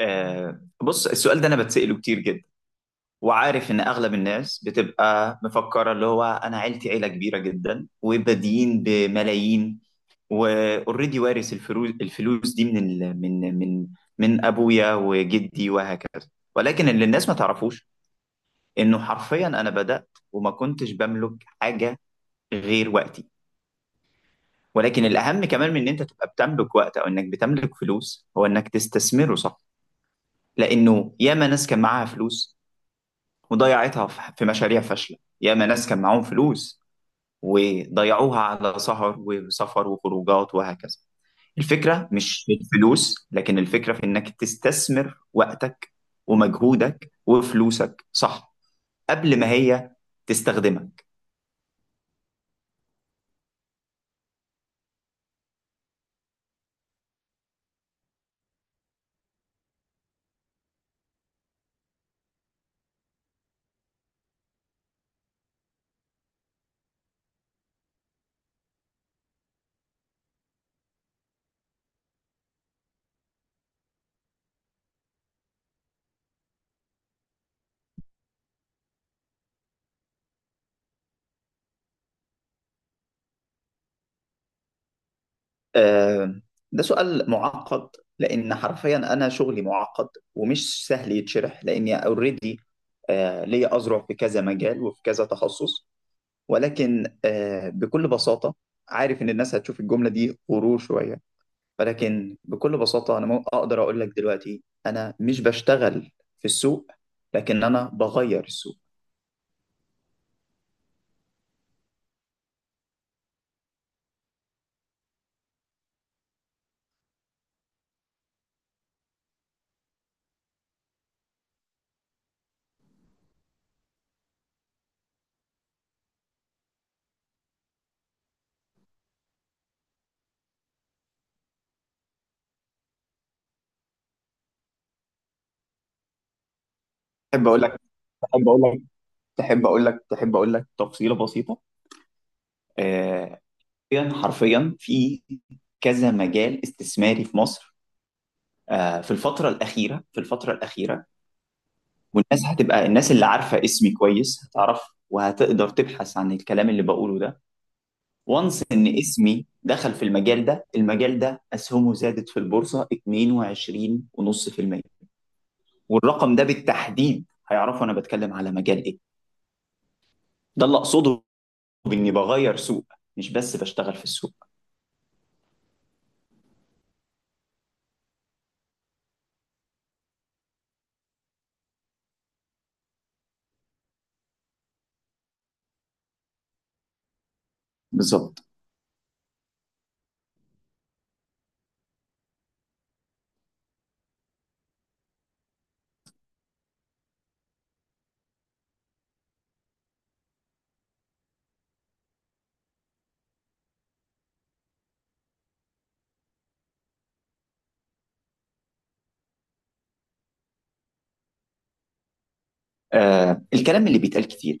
بص السؤال ده انا بتسأله كتير جدا، وعارف ان اغلب الناس بتبقى مفكره اللي هو انا عيلتي عيله كبيره جدا وبادئين بملايين واوريدي وارث الفلوس دي من ال... من من من ابويا وجدي وهكذا. ولكن اللي الناس ما تعرفوش انه حرفيا انا بدأت وما كنتش بملك حاجه غير وقتي. ولكن الاهم كمان من ان انت تبقى بتملك وقت او انك بتملك فلوس هو انك تستثمره صح. لانه ياما ناس كان معاها فلوس وضيعتها في مشاريع فاشلة، ياما ناس كان معاهم فلوس وضيعوها على سهر وسفر وخروجات وهكذا. الفكرة مش في الفلوس، لكن الفكرة في إنك تستثمر وقتك ومجهودك وفلوسك صح قبل ما هي تستخدمك. آه ده سؤال معقد، لأن حرفيا أنا شغلي معقد ومش سهل يتشرح، لأني أوريدي ليا أذرع في كذا مجال وفي كذا تخصص. ولكن بكل بساطة، عارف إن الناس هتشوف الجملة دي غرور شوية، ولكن بكل بساطة أنا أقدر أقول لك دلوقتي أنا مش بشتغل في السوق، لكن أنا بغير السوق. تحب أقول لك، تحب أقول لك تحب أقول لك تحب أقول لك تفصيلة بسيطة. آه، حرفيا حرفيا في كذا مجال استثماري في مصر، في الفترة الأخيرة والناس هتبقى الناس اللي عارفة اسمي كويس هتعرف وهتقدر تبحث عن الكلام اللي بقوله ده. وانس ان اسمي دخل في المجال ده اسهمه زادت في البورصه 22.5%. والرقم ده بالتحديد هيعرفوا انا بتكلم على مجال ايه. ده اللي اقصده، باني بغير سوق مش بس بشتغل في السوق. بالظبط. الكلام اللي بيتقال كتير،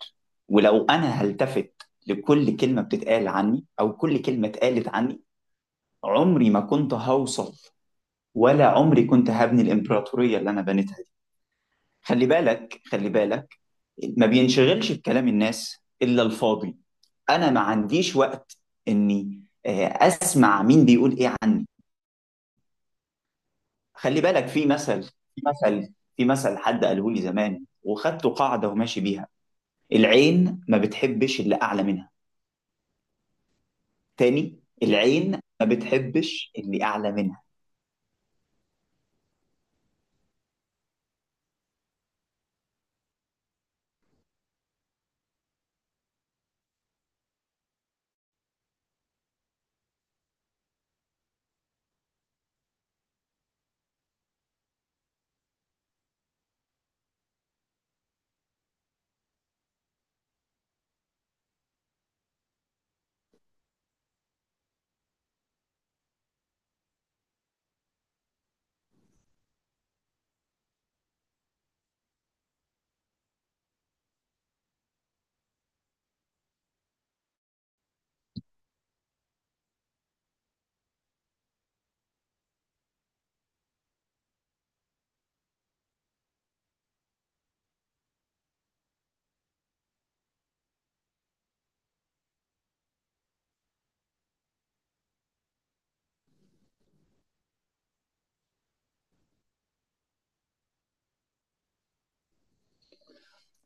ولو انا هلتفت لكل كلمه بتتقال عني او كل كلمه اتقالت عني، عمري ما كنت هوصل ولا عمري كنت هبني الامبراطوريه اللي انا بنيتها دي. خلي بالك، ما بينشغلش بكلام الناس الا الفاضي. انا ما عنديش وقت اني اسمع مين بيقول ايه عني. خلي بالك في مثل حد قاله لي زمان وخدته قاعده وماشي بيها: العين ما بتحبش اللي اعلى منها. تاني، العين ما بتحبش اللي اعلى منها.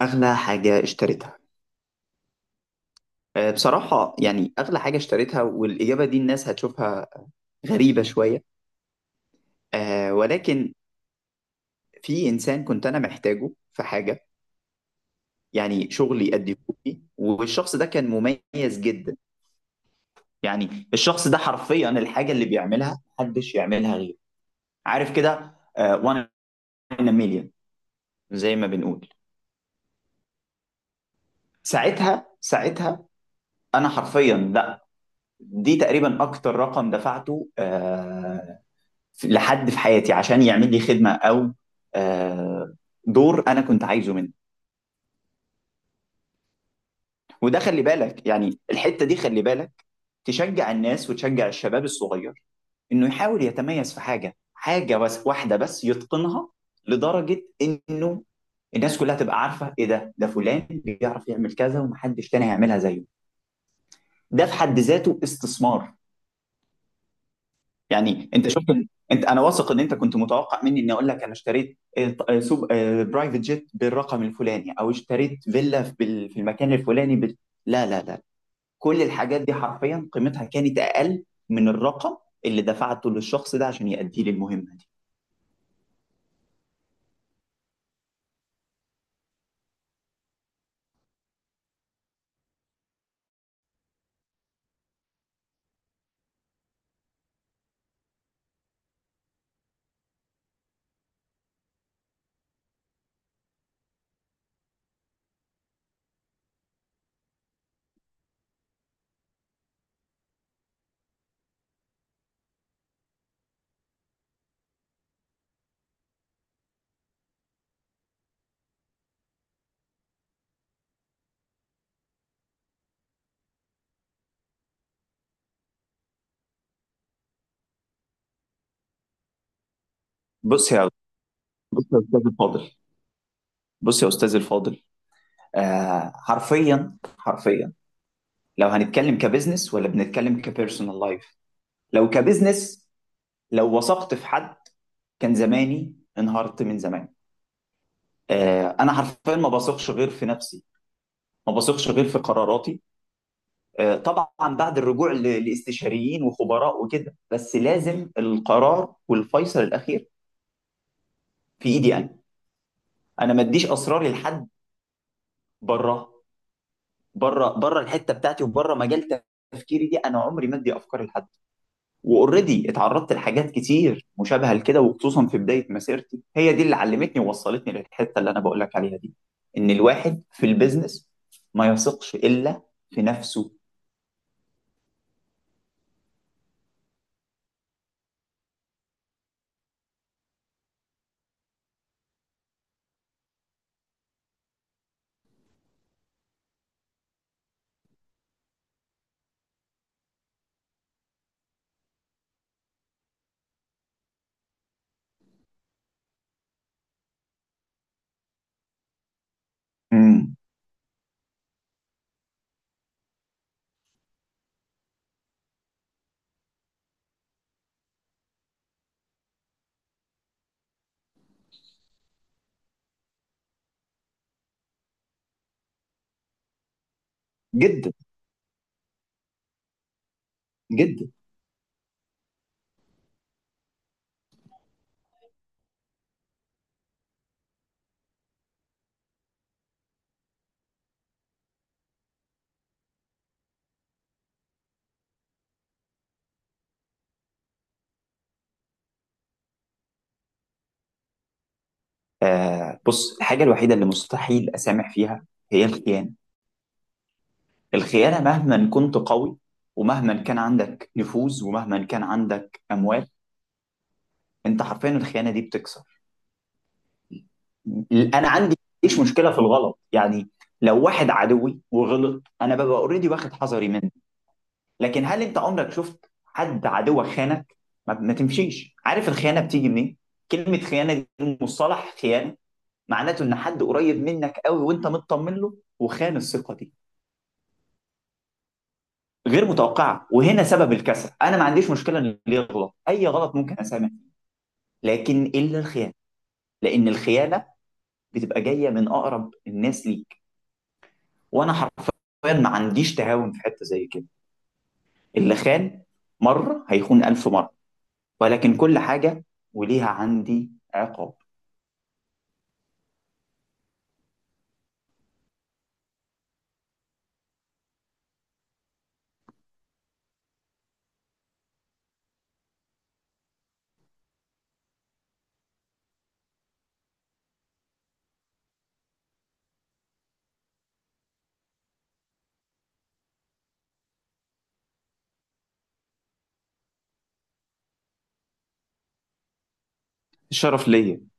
اغلى حاجه اشتريتها؟ بصراحه يعني اغلى حاجه اشتريتها، والاجابه دي الناس هتشوفها غريبه شويه، ولكن في انسان كنت انا محتاجه في حاجه، يعني شغل يأديهولي، والشخص ده كان مميز جدا. يعني الشخص ده حرفيا الحاجة اللي بيعملها محدش يعملها غيره، عارف كده. وان 1000000، زي ما بنقول، ساعتها، انا حرفيا، لا، دي تقريبا اكتر رقم دفعته لحد في حياتي عشان يعمل لي خدمة او آه، دور انا كنت عايزه منه. وده خلي بالك يعني الحتة دي خلي بالك تشجع الناس وتشجع الشباب الصغير انه يحاول يتميز في حاجه، حاجه بس واحده بس يتقنها، لدرجه انه الناس كلها تبقى عارفه. ايه ده؟ ده فلان بيعرف يعمل كذا ومحدش تاني هيعملها زيه. ده في حد ذاته استثمار. يعني انت شفت، انت انا واثق ان انت كنت متوقع مني اني اقول لك انا اشتريت، سوب برايفت جيت بالرقم الفلاني، او اشتريت فيلا في في المكان الفلاني لا لا لا، كل الحاجات دي حرفيا قيمتها كانت اقل من الرقم اللي دفعته للشخص ده عشان يأدي لي المهمه دي. بص يا بص يا استاذ الفاضل، بص يا استاذ الفاضل آه حرفيا حرفيا، لو هنتكلم كبزنس ولا بنتكلم كبيرسونال لايف؟ لو كبزنس، لو وثقت في حد كان زماني انهارت من زمان. آه انا حرفيا ما بثقش غير في نفسي، ما بثقش غير في قراراتي. آه طبعا بعد الرجوع لاستشاريين وخبراء وكده، بس لازم القرار والفيصل الاخير في ايدي انا. انا ما اديش اسراري لحد بره، الحته بتاعتي وبره مجال تفكيري دي. انا عمري ما ادي افكار لحد. واوريدي اتعرضت لحاجات كتير مشابهه لكده، وخصوصا في بدايه مسيرتي، هي دي اللي علمتني ووصلتني للحته اللي انا بقول لك عليها دي، ان الواحد في البيزنس ما يثقش الا في نفسه. امم جدا، جدا. آه بص الحاجه الوحيده اللي مستحيل اسامح فيها هي الخيانه. الخيانه مهما كنت قوي ومهما كان عندك نفوذ ومهما كان عندك اموال، انت حرفيا الخيانه دي بتكسر. انا عندي مفيش مشكله في الغلط يعني، لو واحد عدوي وغلط انا ببقى اوريدي واخد حذري منه، لكن هل انت عمرك شفت حد عدوك خانك؟ ما تمشيش. عارف الخيانه بتيجي منين؟ كلمه خيانه دي، مصطلح خيانه، معناته ان حد قريب منك قوي وانت مطمن له وخان الثقه دي. غير متوقعه، وهنا سبب الكسل. انا ما عنديش مشكله ان اللي يغلط اي غلط ممكن اسامح، لكن الا الخيانه. لان الخيانه بتبقى جايه من اقرب الناس ليك، وانا حرفيا ما عنديش تهاون في حته زي كده. اللي خان مره هيخون 1000 مره، ولكن كل حاجه وليها عندي عقاب. الشرف ليا.